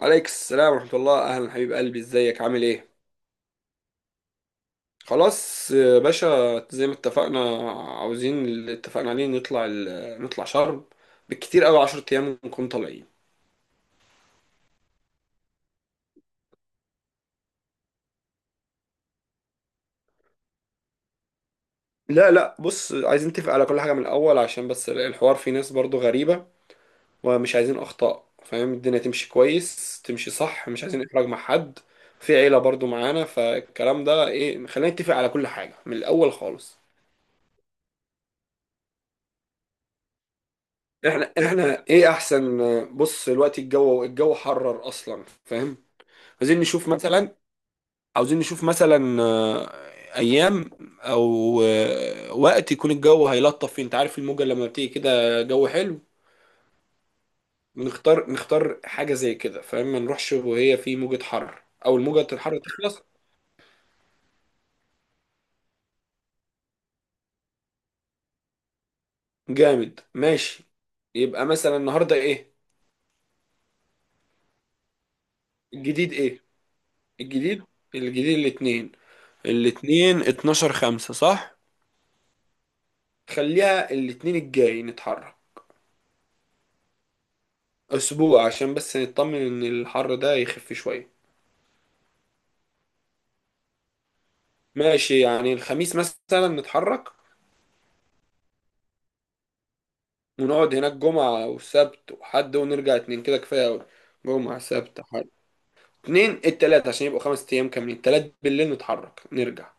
عليك السلام ورحمة الله. أهلا حبيب قلبي، إزيك؟ عامل إيه؟ خلاص يا باشا، زي ما اتفقنا. عاوزين اللي اتفقنا عليه، نطلع نطلع شرم. بالكتير أوي 10 أيام ونكون طالعين. لا لا، بص، عايزين نتفق على كل حاجة من الأول، عشان بس الحوار فيه ناس برضو غريبة، ومش عايزين أخطاء، فاهم؟ الدنيا تمشي كويس، تمشي صح، مش عايزين إحراج مع حد. في عيلة برضو معانا، فالكلام ده إيه، خلينا نتفق على كل حاجة من الأول خالص. احنا ايه احسن؟ بص دلوقتي الجو حرر اصلا، فاهم؟ عايزين نشوف مثلا عاوزين نشوف مثلا ايام، او وقت يكون الجو هيلطف فيه. انت عارف الموجة لما بتيجي كده جو حلو، نختار حاجة زي كده، فاهم؟ ما نروحش وهي في موجة حر، او الموجة الحر تخلص. جامد، ماشي. يبقى مثلا النهاردة ايه الجديد؟ ايه الجديد؟ الجديد الاتنين الاتنين 12 5، صح؟ خليها الاتنين الجاي نتحرك. اسبوع عشان بس نطمن ان الحر ده يخف شوية. ماشي، يعني الخميس مثلا نتحرك، ونقعد هناك جمعة وسبت وحد، ونرجع اتنين، كده كفاية اوي. جمعة، سبت، حد، اتنين، التلات، عشان يبقوا خمس ايام كاملين. تلات بالليل نتحرك نرجع.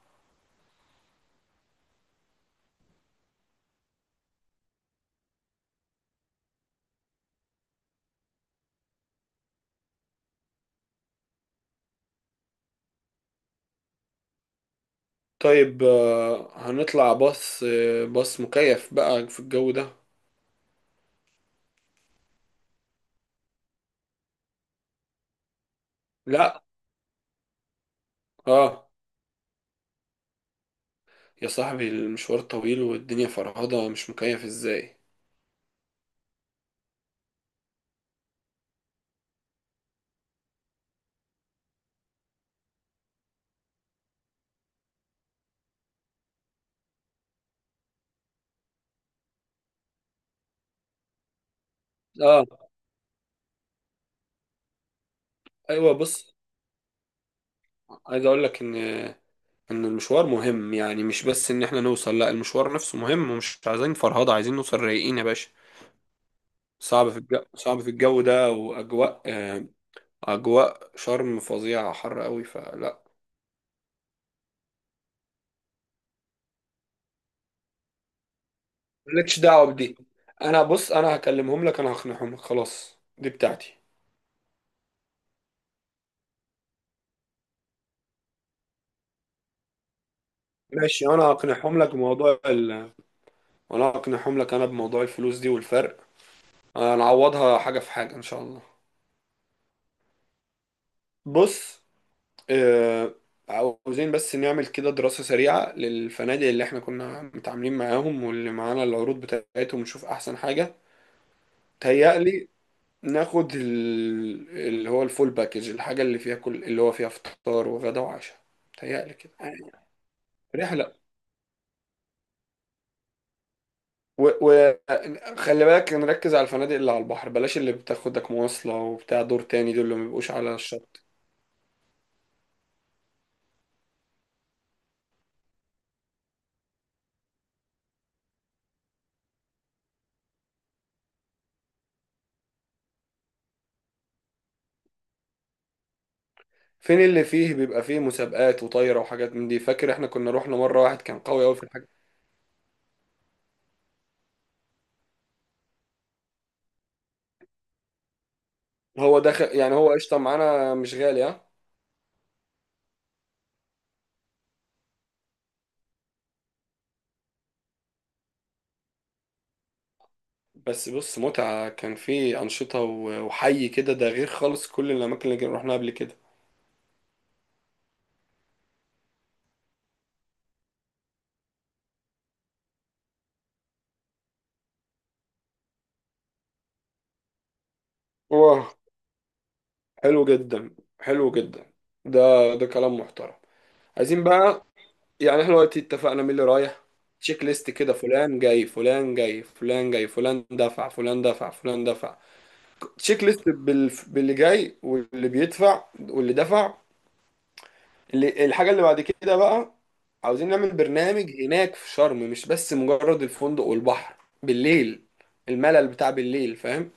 طيب، هنطلع باص مكيف بقى في الجو ده. لا، اه. يا صاحبي المشوار طويل والدنيا فرهضة، مش مكيف ازاي؟ اه، ايوه. بص، عايز اقول لك ان المشوار مهم، يعني مش بس ان احنا نوصل، لا، المشوار نفسه مهم، ومش عايزين فرهضة، عايزين نوصل رايقين يا باشا. صعب في الجو، صعب في الجو ده، واجواء آه، اجواء شرم فظيعة، حر قوي، فلا. مالكش دعوة بدي. انا بص، انا هكلمهم لك، انا هقنعهم لك، خلاص، دي بتاعتي. ماشي، انا هقنعهم لك انا بموضوع الفلوس دي والفرق، هنعوضها حاجة في حاجة ان شاء الله. بص، آه، عاوزين بس نعمل كده دراسة سريعة للفنادق اللي احنا كنا متعاملين معاهم، واللي معانا العروض بتاعتهم، ونشوف أحسن حاجة. تهيألي ناخد اللي هو الفول باكج، الحاجة اللي فيها كل اللي هو فيها فطار وغدا وعشاء. تهيألي كده رحلة. وخلي بالك نركز على الفنادق اللي على البحر، بلاش اللي بتاخدك مواصلة وبتاع دور تاني، دول اللي ما بيبقوش على الشط. فين اللي فيه بيبقى فيه مسابقات وطايرة وحاجات من دي؟ فاكر احنا كنا روحنا مرة واحد كان قوي قوي في. هو داخل يعني، هو قشطة معانا، مش غالي، ها. بس بص، متعة كان في أنشطة وحي كده، ده غير خالص كل الأماكن اللي رحنا قبل كده. واه، حلو جدا، حلو جدا. ده، ده كلام محترم. عايزين بقى، يعني احنا دلوقتي اتفقنا مين اللي رايح. تشيك ليست كده، فلان جاي، فلان جاي، فلان جاي، فلان دفع، فلان دفع، فلان دفع. تشيك ليست باللي جاي، واللي بيدفع، واللي دفع. الحاجة اللي بعد كده بقى، عاوزين نعمل برنامج هناك في شرم، مش بس مجرد الفندق والبحر. بالليل، الملل بتاع بالليل، فاهم؟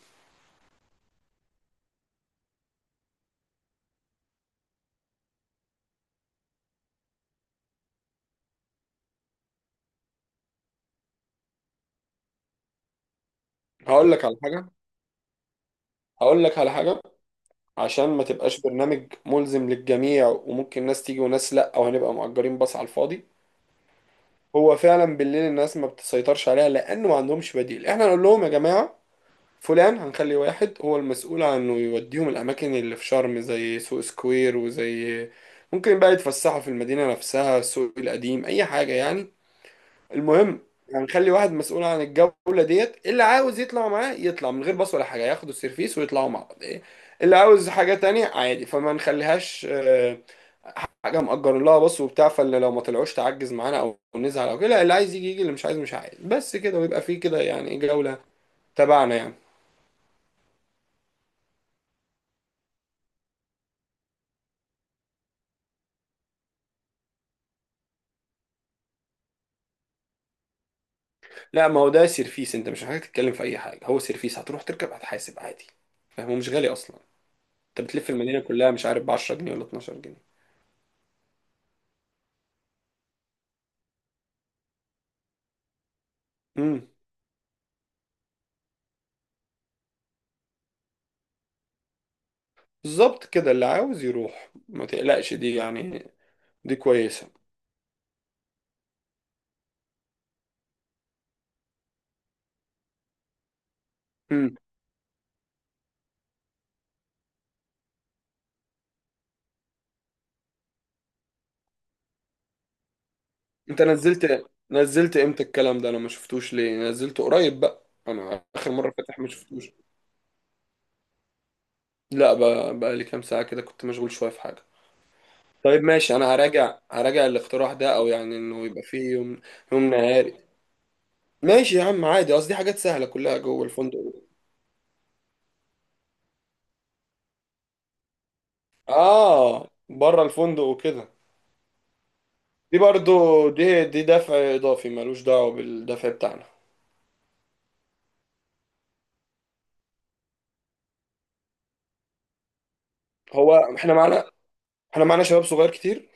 هقول لك على حاجة، هقول لك على حاجة عشان ما تبقاش برنامج ملزم للجميع، وممكن ناس تيجي وناس لا، او هنبقى مأجرين باص على الفاضي. هو فعلا بالليل الناس ما بتسيطرش عليها، لانه ما عندهمش بديل. احنا نقول لهم يا جماعة، فلان، هنخلي واحد هو المسؤول عن انه يوديهم الاماكن اللي في شرم زي سوق سكوير وزي. ممكن بقى يتفسحوا في المدينة نفسها، السوق القديم، اي حاجة يعني. المهم، هنخلي واحد مسؤول عن الجولة ديت، اللي عاوز يطلع معاه يطلع، من غير باص ولا حاجة، ياخدوا السيرفيس ويطلعوا مع بعض إيه، اللي عاوز حاجة تانية عادي، فما نخليهاش حاجة مأجر لها باص وبتاع. فاللي لو ما طلعوش تعجز معانا او نزعل او كده، لا، اللي عايز يجي يجي، اللي مش عايز مش عايز، بس كده، ويبقى فيه كده يعني إيه، جولة تبعنا يعني. لا، ما هو ده سيرفيس، انت مش محتاج تتكلم في اي حاجه، هو سيرفيس، هتروح تركب، هتحاسب عادي، فاهم، مش غالي اصلا. انت بتلف المدينه كلها مش عارف ب 10 جنيه ولا 12 جنيه. امم بالظبط كده، اللي عاوز يروح ما تقلقش دي يعني. دي كويسه. امم انت نزلت، نزلت امتى الكلام ده؟ انا ما شفتوش، ليه؟ نزلته قريب بقى؟ انا اخر مره فاتح ما شفتوش. لا بقى لي كام ساعه كده، كنت مشغول شويه في حاجه. طيب ماشي، انا هراجع الاقتراح ده، او يعني انه يبقى فيه يوم، يوم نهاري. ماشي يا عم، عادي، قصدي حاجات سهلة كلها جوه الفندق. اه، بره الفندق وكده. دي برضو، دي دفع اضافي ملوش دعوة بالدفع بتاعنا. هو احنا معانا، احنا معانا شباب صغير كتير.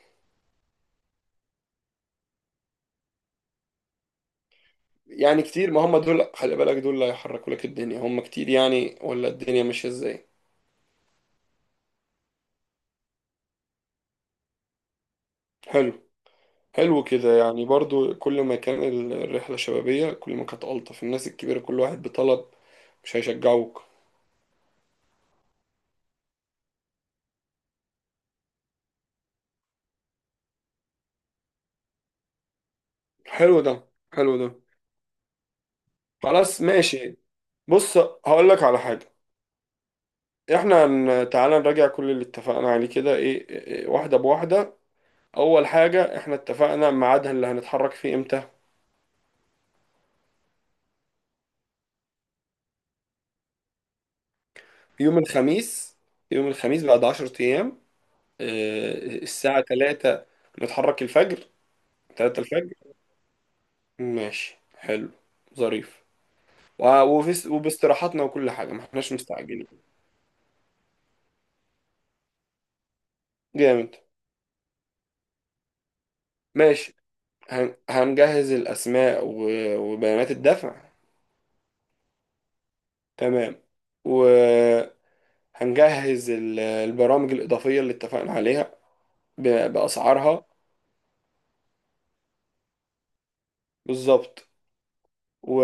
يعني كتير، ما هم دول خلي بالك، دول اللي هيحركوا لك الدنيا، هم كتير يعني، ولا الدنيا ماشية ازاي؟ حلو. حلو كده، يعني برضو كل ما كان الرحلة شبابية كل ما كانت ألطف. الناس الكبيرة كل واحد بطلب، مش هيشجعوك. حلو ده حلو ده. خلاص ماشي. بص، هقول لك على حاجة. احنا تعالى نراجع كل اللي اتفقنا عليه كده، ايه إيه، واحدة بواحدة. اول حاجة، احنا اتفقنا ميعادها اللي هنتحرك فيه امتى. يوم الخميس يوم الخميس بعد 10 ايام. اه، الساعة 3 نتحرك الفجر. 3 الفجر، ماشي، حلو، ظريف. وفي وباستراحاتنا وكل حاجة، ما احناش مستعجلين. جامد، ماشي. هنجهز الاسماء وبيانات الدفع. تمام. و... هنجهز البرامج الإضافية اللي اتفقنا عليها بأسعارها. بالظبط.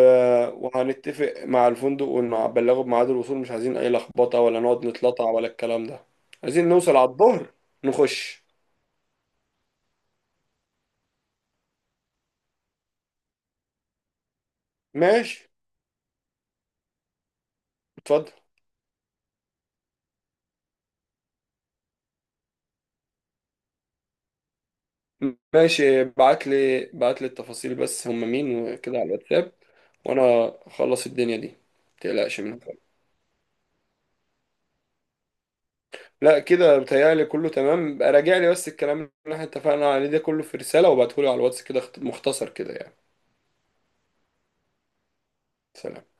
وهنتفق مع الفندق ونبلغه بميعاد الوصول، مش عايزين أي لخبطة، ولا نقعد نتلطع، ولا الكلام ده. عايزين نوصل على الظهر نخش. ماشي، اتفضل. ماشي، بعت لي التفاصيل، بس هم مين وكده، على الواتساب، وأنا أخلص الدنيا دي، متقلقش منها. لا، كده بتهيألي كله تمام. بقى راجع لي بس الكلام اللي احنا اتفقنا عليه ده كله في رسالة، وابعتهولي على الواتس كده مختصر كده يعني. سلام.